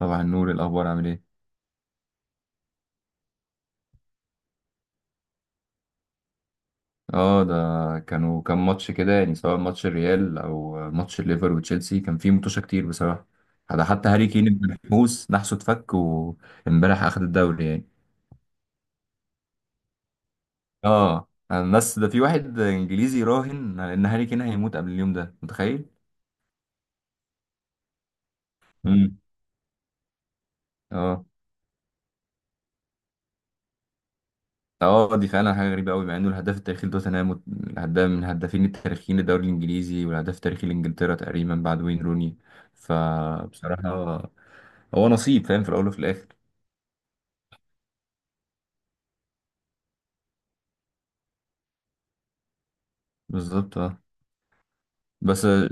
صباح النور، الاخبار عامل ايه؟ اه ده، كان ماتش كده يعني، سواء ماتش الريال او ماتش الليفر وتشيلسي، كان فيه متوشه كتير بصراحه. ده حتى هاري كين ابن الحوس نحسه اتفك، وامبارح اخد الدوري يعني. اه الناس ده، في واحد انجليزي راهن على ان هاري كين هيموت قبل اليوم ده، متخيل؟ امم اه. اه دي فعلا حاجه غريبه قوي، مع انه الهداف التاريخي لتوتنهام، الهداف من الهدافين التاريخيين للدوري الانجليزي، والهداف التاريخي لانجلترا تقريبا بعد وين روني. فبصراحه هو نصيب، فاهم، في الاول وفي الاخر. بالظبط اه. بس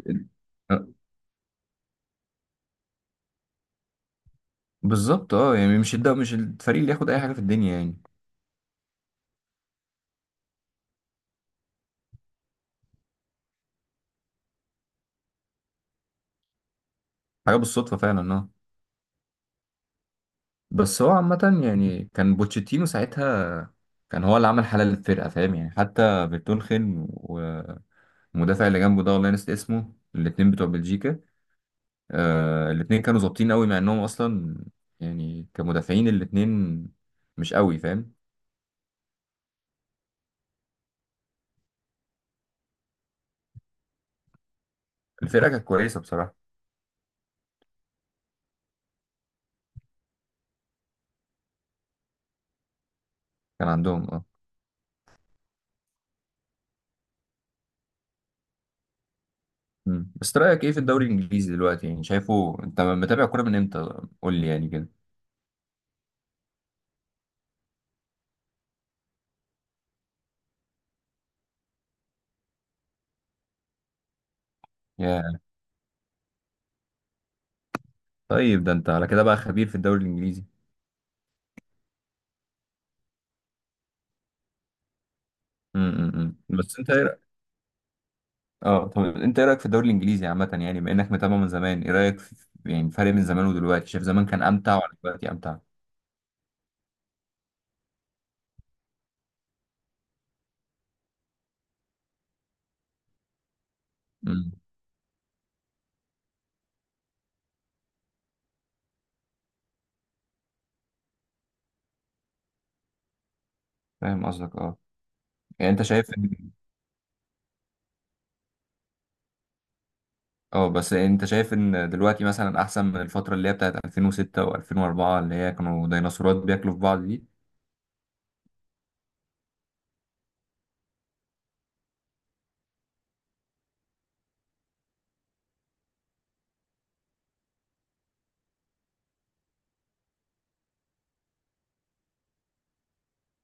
بالظبط اه. يعني مش الفريق اللي ياخد اي حاجه في الدنيا يعني. حاجه بالصدفه فعلا اه. بس هو عامه يعني، كان بوتشيتينو ساعتها كان هو اللي عمل حاله للفرقه، فاهم يعني. حتى فيرتونخن والمدافع اللي جنبه ده، والله نسيت اسمه، الاتنين بتوع بلجيكا، آه الاتنين كانوا ظابطين قوي مع انهم اصلا يعني كمدافعين، الاتنين مش قوي، فاهم. الفرقه كانت كويسه بصراحه. كان عندهم اه. بس رأيك ايه في الدوري الانجليزي دلوقتي؟ يعني شايفه، انت متابع كوره من امتى قول لي يعني كده. يا، طيب ده انت على كده بقى خبير في الدوري الانجليزي. بس اه طب انت ايه رأيك في الدوري الانجليزي عامة، يعني بما انك متابع من زمان، ايه رأيك في يعني فرق من زمان ودلوقتي؟ شايف زمان كان امتع ولا دلوقتي امتع؟ امم فاهم قصدك اه. يعني انت شايف ان اه، بس انت شايف ان دلوقتي مثلا احسن من الفترة اللي هي بتاعت 2006 و2004، اللي هي كانوا ديناصورات بياكلوا في بعض دي؟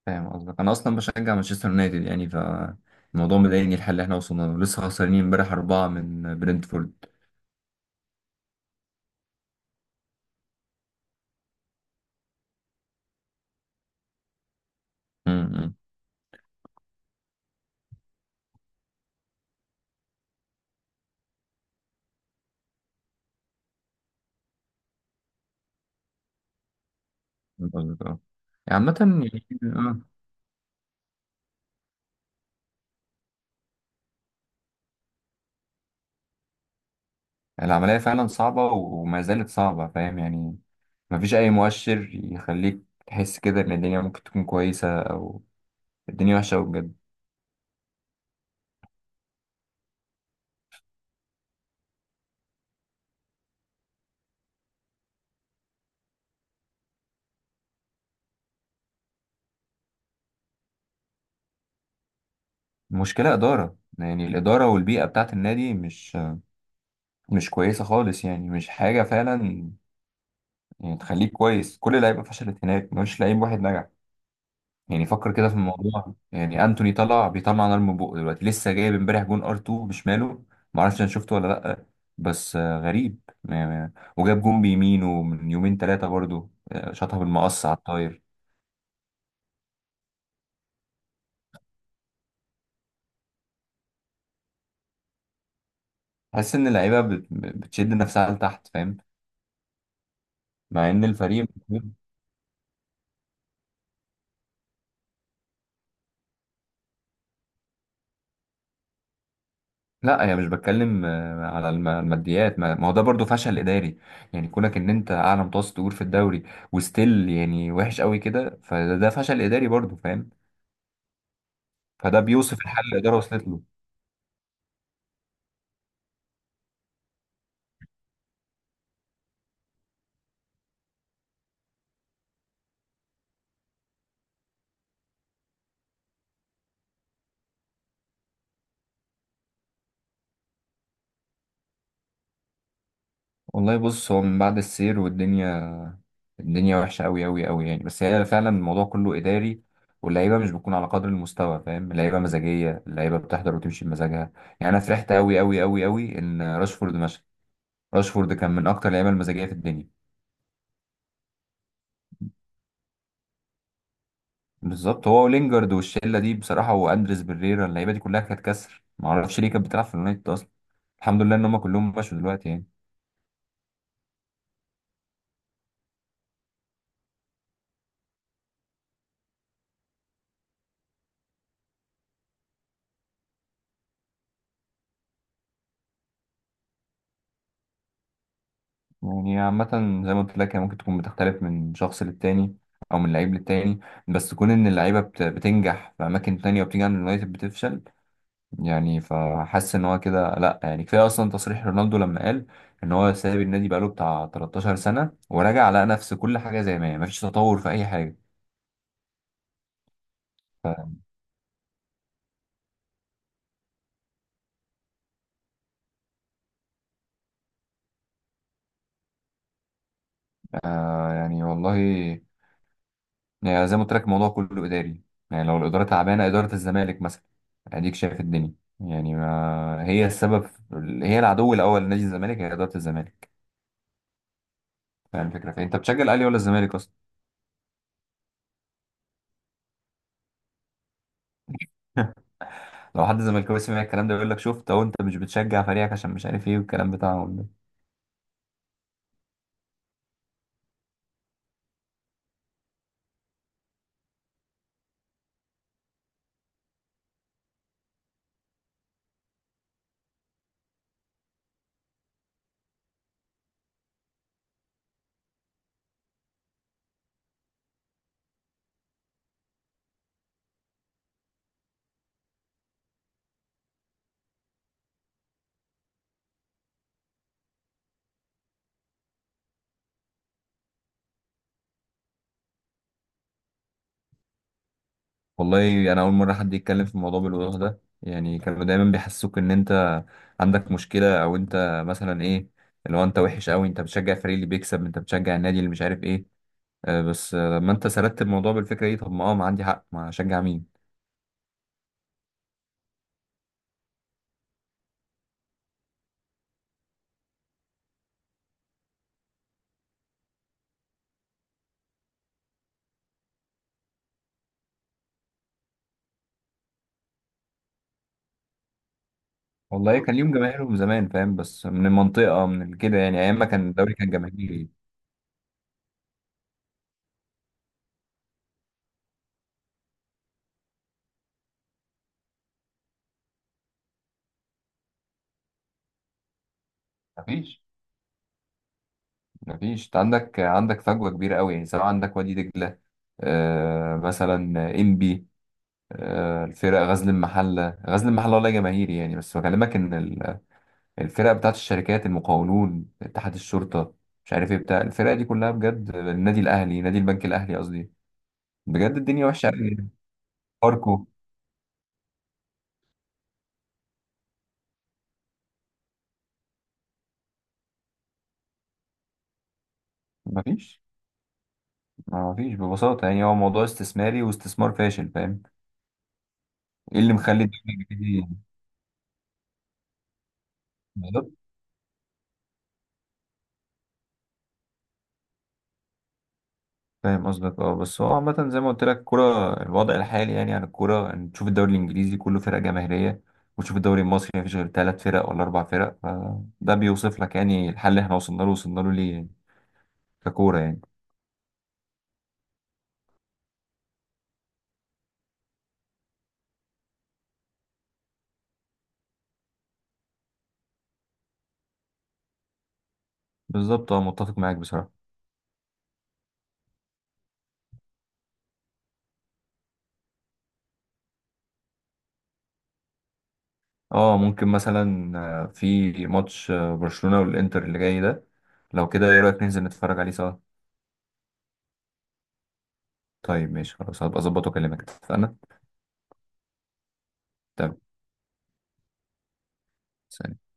فاهم قصدك. انا اصلا بشجع مانشستر يونايتد، يعني فالموضوع مضايقني، الحل اللي احنا وصلنا له. لسه خسرانين امبارح اربعه من برنتفورد. امم فاهم قصدك اه. يعني عامه، يعني، آه، العمليه فعلا صعبه وما زالت صعبه، فاهم يعني. ما فيش اي مؤشر يخليك تحس كده ان الدنيا ممكن تكون كويسه، او الدنيا وحشه أوي بجد. المشكله اداره، يعني الاداره والبيئه بتاعت النادي مش كويسه خالص، يعني مش حاجه فعلا يعني تخليك كويس. كل اللعيبه فشلت هناك، مفيش لعيب واحد نجح. يعني فكر كده في الموضوع يعني. انتوني طلع بيطلع نار من بقه دلوقتي، لسه جايب امبارح جون ار 2 بشماله. ما اعرفش انا شفته ولا لا، بس غريب. وجاب جون بيمينه من يومين ثلاثه برضو، شاطها بالمقص على الطاير. تحس ان اللعيبه بتشد نفسها لتحت، فاهم؟ مع ان الفريق لا، انا مش بتكلم على الماديات. ما ما هو ده برضو فشل اداري، يعني كونك ان انت اعلى متوسط اجور في الدوري، وستيل يعني وحش قوي كده، فده فشل اداري برضو، فاهم. فده بيوصف الحل اللي الإدارة وصلت له. والله بص، هو من بعد السير والدنيا، الدنيا وحشة أوي أوي أوي يعني. بس هي فعلا الموضوع كله إداري، واللعيبة مش بتكون على قدر المستوى، فاهم. اللعيبة مزاجية، اللعيبة بتحضر وتمشي بمزاجها يعني. أنا فرحت أوي أوي أوي أوي إن راشفورد مشى. راشفورد كان من أكتر اللعيبة المزاجية في الدنيا. بالظبط، هو ولينجارد والشلة دي بصراحة، وأندريس بريرا، اللعيبة دي كلها كانت كسر، معرفش ليه كانت بتلعب في اليونايتد أصلا. الحمد لله إن هما كلهم مشوا دلوقتي يعني. يعني عامة، زي ما قلت لك، هي ممكن تكون بتختلف من شخص للتاني، أو من لعيب للتاني. بس كون إن اللعيبة بتنجح في أماكن تانية وبتيجي عند اليونايتد بتفشل، يعني فحاسس إن هو كده لأ يعني. كفاية أصلا تصريح رونالدو لما قال إن هو ساب النادي بقاله بتاع 13 سنة، ورجع لقى نفس كل حاجة زي ما هي، مفيش تطور في أي حاجة. آه يعني والله، يعني زي ما قلت لك الموضوع كله اداري. يعني لو الاداره تعبانه، اداره الزمالك مثلا، اديك شايف الدنيا. يعني ما هي السبب، هي العدو الاول لنادي الزمالك هي اداره الزمالك. فاهم الفكره. فانت بتشجع الاهلي ولا الزمالك اصلا؟ لو حد زملكاوي سمع الكلام ده يقول لك شفت اهو، انت مش بتشجع فريقك عشان مش عارف ايه، والكلام بتاعهم ده. والله انا اول مره حد يتكلم في الموضوع بالوضوح ده يعني. كانوا دايما بيحسوك ان انت عندك مشكله، او انت مثلا ايه، اللي هو انت وحش قوي، انت بتشجع الفريق اللي بيكسب، انت بتشجع النادي اللي مش عارف ايه. بس لما انت سردت الموضوع بالفكره دي، طب ما اه ما عندي حق، ما اشجع مين؟ والله كان ليهم جماهيرهم زمان، فاهم، بس من المنطقه من كده يعني، ايام ما كان الدوري كان جماهيري. مفيش مفيش. انت عندك فجوه كبيره قوي يعني، سواء عندك وادي دجله، آه مثلا، انبي، آه الفرق، غزل المحله، غزل المحله والله جماهيري يعني، بس بكلمك ان الفرق بتاعت الشركات، المقاولون، اتحاد الشرطه، مش عارف ايه بتاع، الفرق دي كلها بجد، النادي الاهلي، نادي البنك الاهلي قصدي، بجد الدنيا وحشه قوي. فاركو. مفيش مفيش ببساطة، يعني هو موضوع استثماري واستثمار فاشل، فاهم. ايه اللي مخلي الدنيا دي؟ بالظبط. فاهم قصدك اه. بس هو عامة زي ما قلت لك الكورة، الوضع الحالي يعني عن الكورة، ان تشوف الدوري الانجليزي كله فرق جماهيرية، وتشوف الدوري المصري مفيش غير ثلاث فرق ولا اربع فرق، فده بيوصف لك يعني الحل اللي احنا وصلنا له ليه يعني، ككورة يعني. بالظبط اه، متفق معاك بصراحة. اه ممكن مثلا، في ماتش برشلونة والانتر اللي جاي ده. لو كده ايه رأيك ننزل نتفرج عليه سوا؟ طيب ماشي، خلاص هبقى اظبط واكلمك، اتفقنا. تمام. سلام.